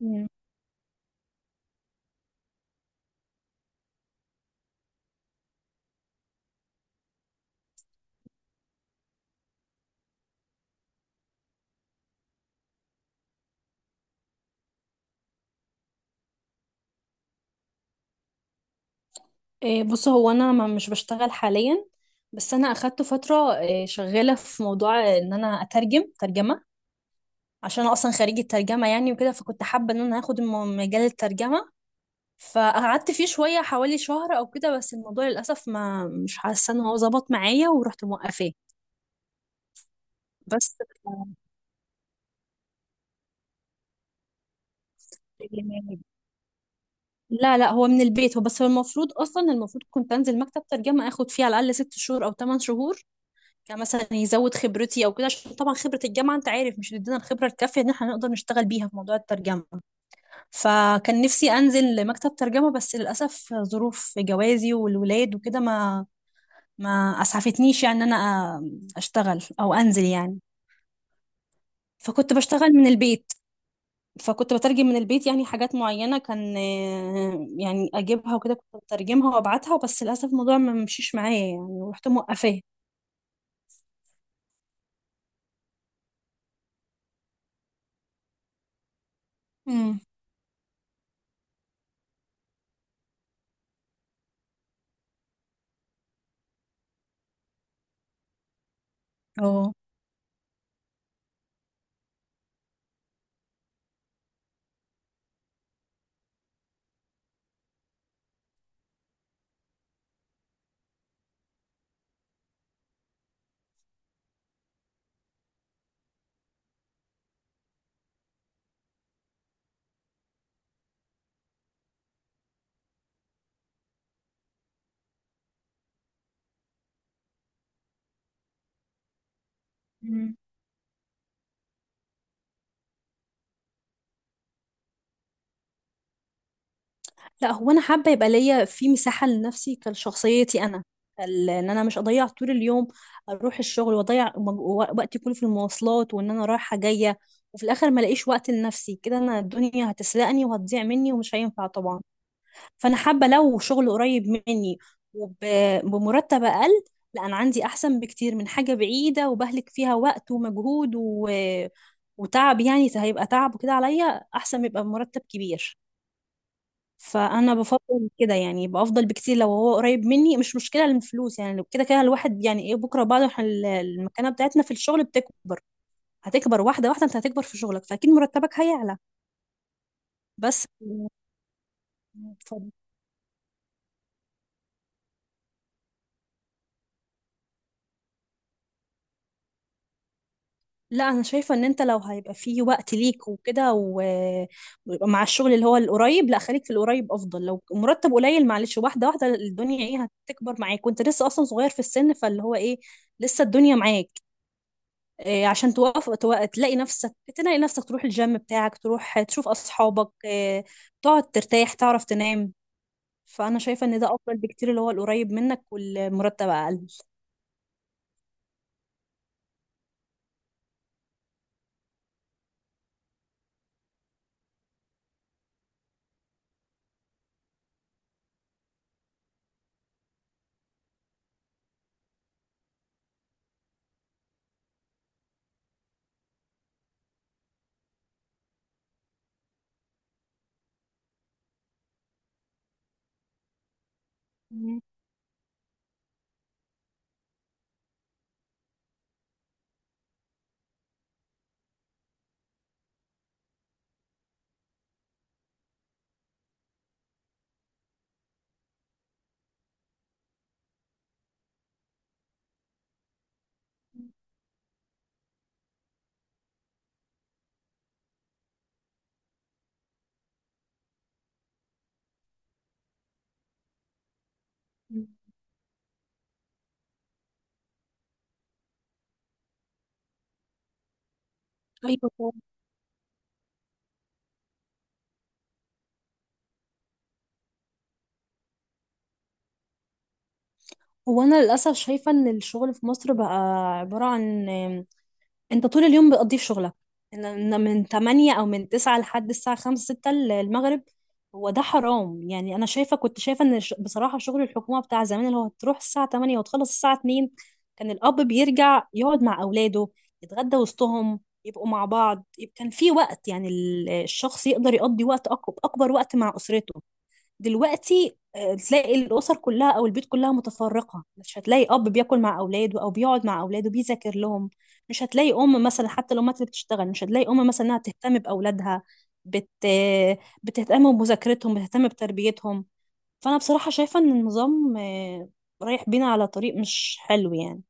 مم. بص، هو انا مش بشتغل حاليا. بس انا اخدت فتره، شغاله في موضوع ان انا اترجم ترجمه عشان انا اصلا خريجه ترجمه يعني وكده، فكنت حابه ان انا اخد مجال الترجمه. فقعدت فيه شويه حوالي شهر او كده، بس الموضوع للاسف ما مش حاسه ان هو ظبط معايا ورحت موقفاه بس. اليمين. لا لا، هو من البيت، هو بس هو المفروض اصلا، المفروض كنت انزل مكتب ترجمه اخد فيه على الاقل 6 شهور او 8 شهور، يعني مثلا يزود خبرتي او كده، عشان طبعا خبرة الجامعة انت عارف مش بتدينا الخبرة الكافية ان احنا نقدر نشتغل بيها في موضوع الترجمة. فكان نفسي انزل لمكتب ترجمة، بس للاسف ظروف جوازي والولاد وكده ما اسعفتنيش، يعني ان انا اشتغل او انزل يعني. فكنت بشتغل من البيت، فكنت بترجم من البيت، يعني حاجات معينة كان يعني اجيبها وكده كنت بترجمها وابعتها، بس للاسف الموضوع ما مشيش معايا يعني ورحت موقفاه. امم اه. لا، هو انا حابه يبقى ليا في مساحه لنفسي كشخصيتي انا، ان انا مش اضيع طول اليوم اروح الشغل واضيع وقتي كله في المواصلات، وان انا رايحه جايه وفي الاخر ما الاقيش وقت لنفسي. كده انا الدنيا هتسرقني وهتضيع مني ومش هينفع طبعا. فانا حابه لو شغل قريب مني وبمرتب اقل، لا انا عندي احسن بكتير من حاجه بعيده وبهلك فيها وقت ومجهود وتعب، يعني هيبقى تعب وكده عليا. احسن يبقى بمرتب كبير. فانا بفضل كده يعني، يبقى افضل بكتير لو هو قريب مني، مش مشكله الفلوس، يعني لو كده كده الواحد يعني ايه، بكره بعد ما احنا المكانه بتاعتنا في الشغل بتكبر، هتكبر واحده واحده، انت هتكبر في شغلك فاكيد مرتبك هيعلى. بس اتفضل. لا انا شايفه ان انت لو هيبقى فيه وقت ليك وكده ويبقى مع الشغل اللي هو القريب، لا خليك في القريب افضل، لو مرتب قليل معلش، واحده واحده الدنيا ايه هتكبر معاك، وانت لسه اصلا صغير في السن، فاللي هو ايه، لسه الدنيا معاك. عشان توقف، تلاقي نفسك، تلاقي نفسك تروح الجيم بتاعك، تروح تشوف أصحابك، تقعد ترتاح تعرف تنام. فأنا شايفة إن ده أفضل بكتير، اللي هو القريب منك والمرتب أقل. مم. أيوة طبعاً. هو أنا للأسف شايفة إن الشغل في مصر بقى عبارة عن، انت طول اليوم بتقضيه في شغلك، ان إن من 8 او من 9 لحد الساعة 5 6 المغرب. هو ده حرام يعني. انا شايفة، كنت شايفة ان بصراحة شغل الحكومة بتاع زمان اللي هو تروح الساعة 8 وتخلص الساعة 2، كان الاب بيرجع يقعد مع اولاده، يتغدى وسطهم يبقوا مع بعض، يبقى كان في وقت، يعني ال- الشخص يقدر يقضي وقت اكبر وقت مع اسرته. دلوقتي تلاقي الأسر كلها أو البيوت كلها متفرقة، مش هتلاقي أب بياكل مع أولاده أو بيقعد مع أولاده بيذاكر لهم، مش هتلاقي أم مثلا، حتى الأمهات اللي بتشتغل مش هتلاقي أم مثلا إنها تهتم بأولادها، بت... بتهتم بمذاكرتهم بتهتم بتربيتهم. فأنا بصراحة شايفة إن النظام رايح بينا على طريق مش حلو يعني.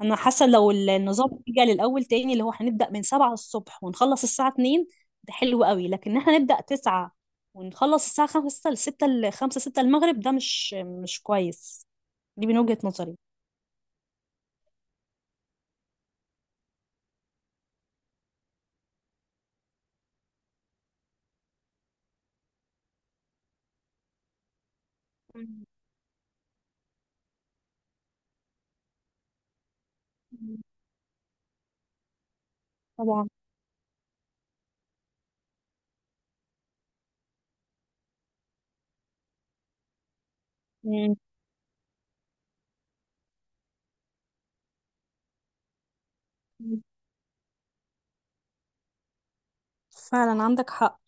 انا حاسه لو النظام رجع للاول تاني، اللي هو هنبدا من 7 الصبح ونخلص الساعه 2، ده حلو قوي. لكن احنا نبدا 9 ونخلص الساعه 5 ل 6 ل 5 6 المغرب، ده مش كويس. دي من وجهه نظري. مم. طبعا. مم. فعلا عندك حق.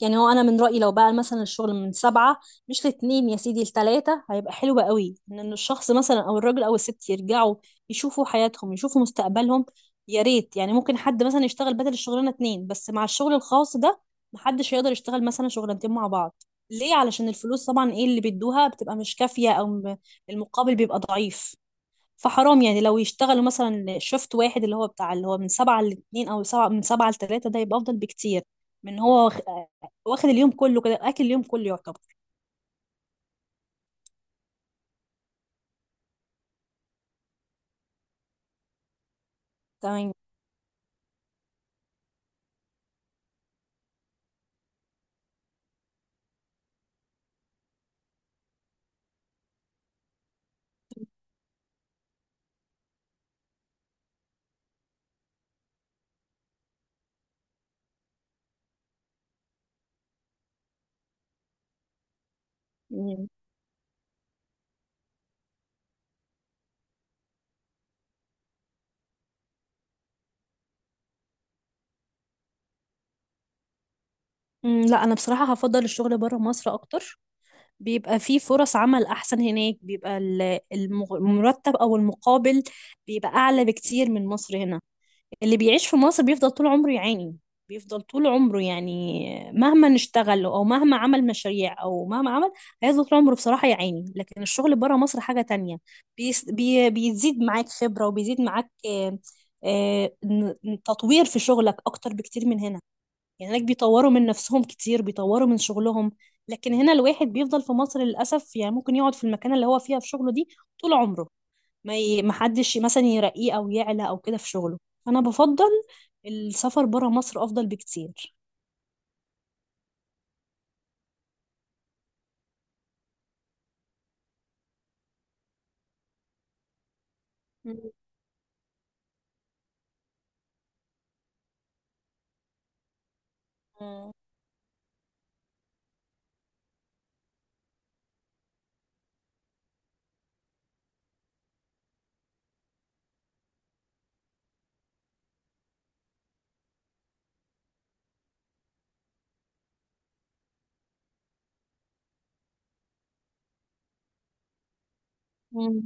يعني هو انا من رايي لو بقى مثلا الشغل من سبعة، مش لاتنين يا سيدي لتلاتة، هيبقى حلو قوي ان إن الشخص مثلا او الراجل او الست يرجعوا يشوفوا حياتهم يشوفوا مستقبلهم. يا ريت يعني، ممكن حد مثلا يشتغل بدل الشغلانه اتنين، بس مع الشغل الخاص ده محدش يقدر يشتغل مثلا شغلانتين مع بعض، ليه؟ علشان الفلوس طبعا، ايه اللي بيدوها بتبقى مش كافيه، او المقابل بيبقى ضعيف. فحرام يعني لو يشتغلوا مثلا، شفت واحد اللي هو بتاع اللي هو من سبعة لاتنين، أو سبعة، من سبعة لتلاتة، ده يبقى أفضل بكتير من هو واخد اليوم كله كده، أكل اليوم كله يعتبر. تمام. مم. مم، لا أنا بصراحة هفضل الشغل بره مصر أكتر، بيبقى فيه فرص عمل أحسن هناك، بيبقى المرتب أو المقابل بيبقى أعلى بكتير من مصر هنا. اللي بيعيش في مصر بيفضل طول عمره يعاني، بيفضل طول عمره يعني، مهما نشتغل او مهما عمل مشاريع او مهما عمل هيفضل طول عمره بصراحة يعاني. لكن الشغل بره مصر حاجة تانية، بيس بي بيزيد معاك خبرة، وبيزيد معاك تطوير في شغلك اكتر بكتير من هنا. يعني هناك بيطوروا من نفسهم كتير بيطوروا من شغلهم. لكن هنا الواحد بيفضل في مصر للأسف، يعني ممكن يقعد في المكان اللي هو فيها في شغله دي طول عمره، ما حدش مثلا يرقيه او يعلى او كده في شغله. انا بفضل السفر برا مصر افضل بكتير. مم. مم.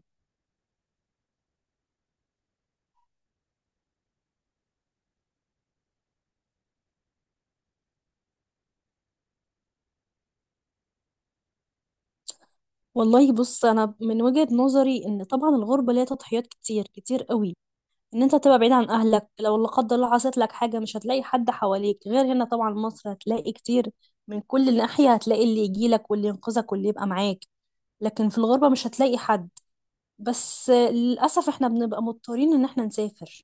والله بص، انا من وجهة نظري ان طبعا الغربة ليها تضحيات كتير كتير قوي، ان انت تبقى بعيد عن اهلك، لو لا قدر الله حصلت لك حاجة مش هتلاقي حد حواليك، غير هنا طبعا مصر هتلاقي كتير، من كل ناحية هتلاقي اللي يجيلك واللي ينقذك واللي يبقى معاك. لكن في الغربة مش هتلاقي حد. بس للأسف احنا بنبقى مضطرين ان احنا نسافر،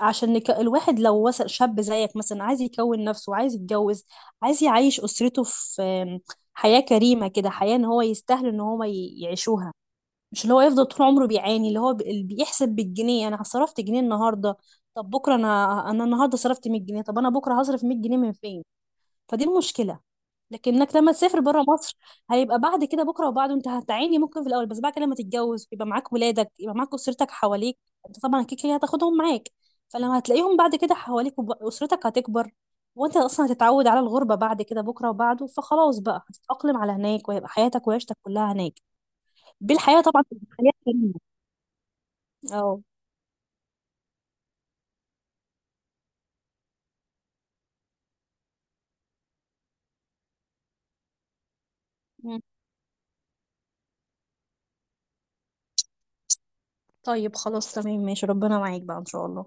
عشان الواحد لو وصل شاب زيك مثلا، عايز يكون نفسه، عايز يتجوز، عايز يعيش أسرته في حياة كريمة كده، حياة ان هو يستاهل ان هو يعيشوها، مش اللي هو يفضل طول عمره بيعاني، اللي هو اللي بيحسب بالجنيه، انا صرفت جنيه النهارده، طب بكره انا النهارده صرفت 100 جنيه، طب انا بكره هصرف 100 جنيه من فين؟ فدي المشكله. لكنك لما تسافر بره مصر هيبقى بعد كده بكره وبعده، انت هتعاني ممكن في الاول، بس بعد كده لما تتجوز يبقى معاك ولادك، يبقى معاك اسرتك حواليك، انت طبعا اكيد كده هتاخدهم معاك. فلما هتلاقيهم بعد كده حواليك واسرتك هتكبر، وانت اصلا هتتعود على الغربه بعد كده بكره وبعده، فخلاص بقى هتتاقلم على هناك وهيبقى حياتك وعيشتك كلها هناك. دي الحياه طبعا تبقى حياه كريمه. اه. مم. طيب خلاص تمام ماشي، ربنا معاك بقى ان شاء الله.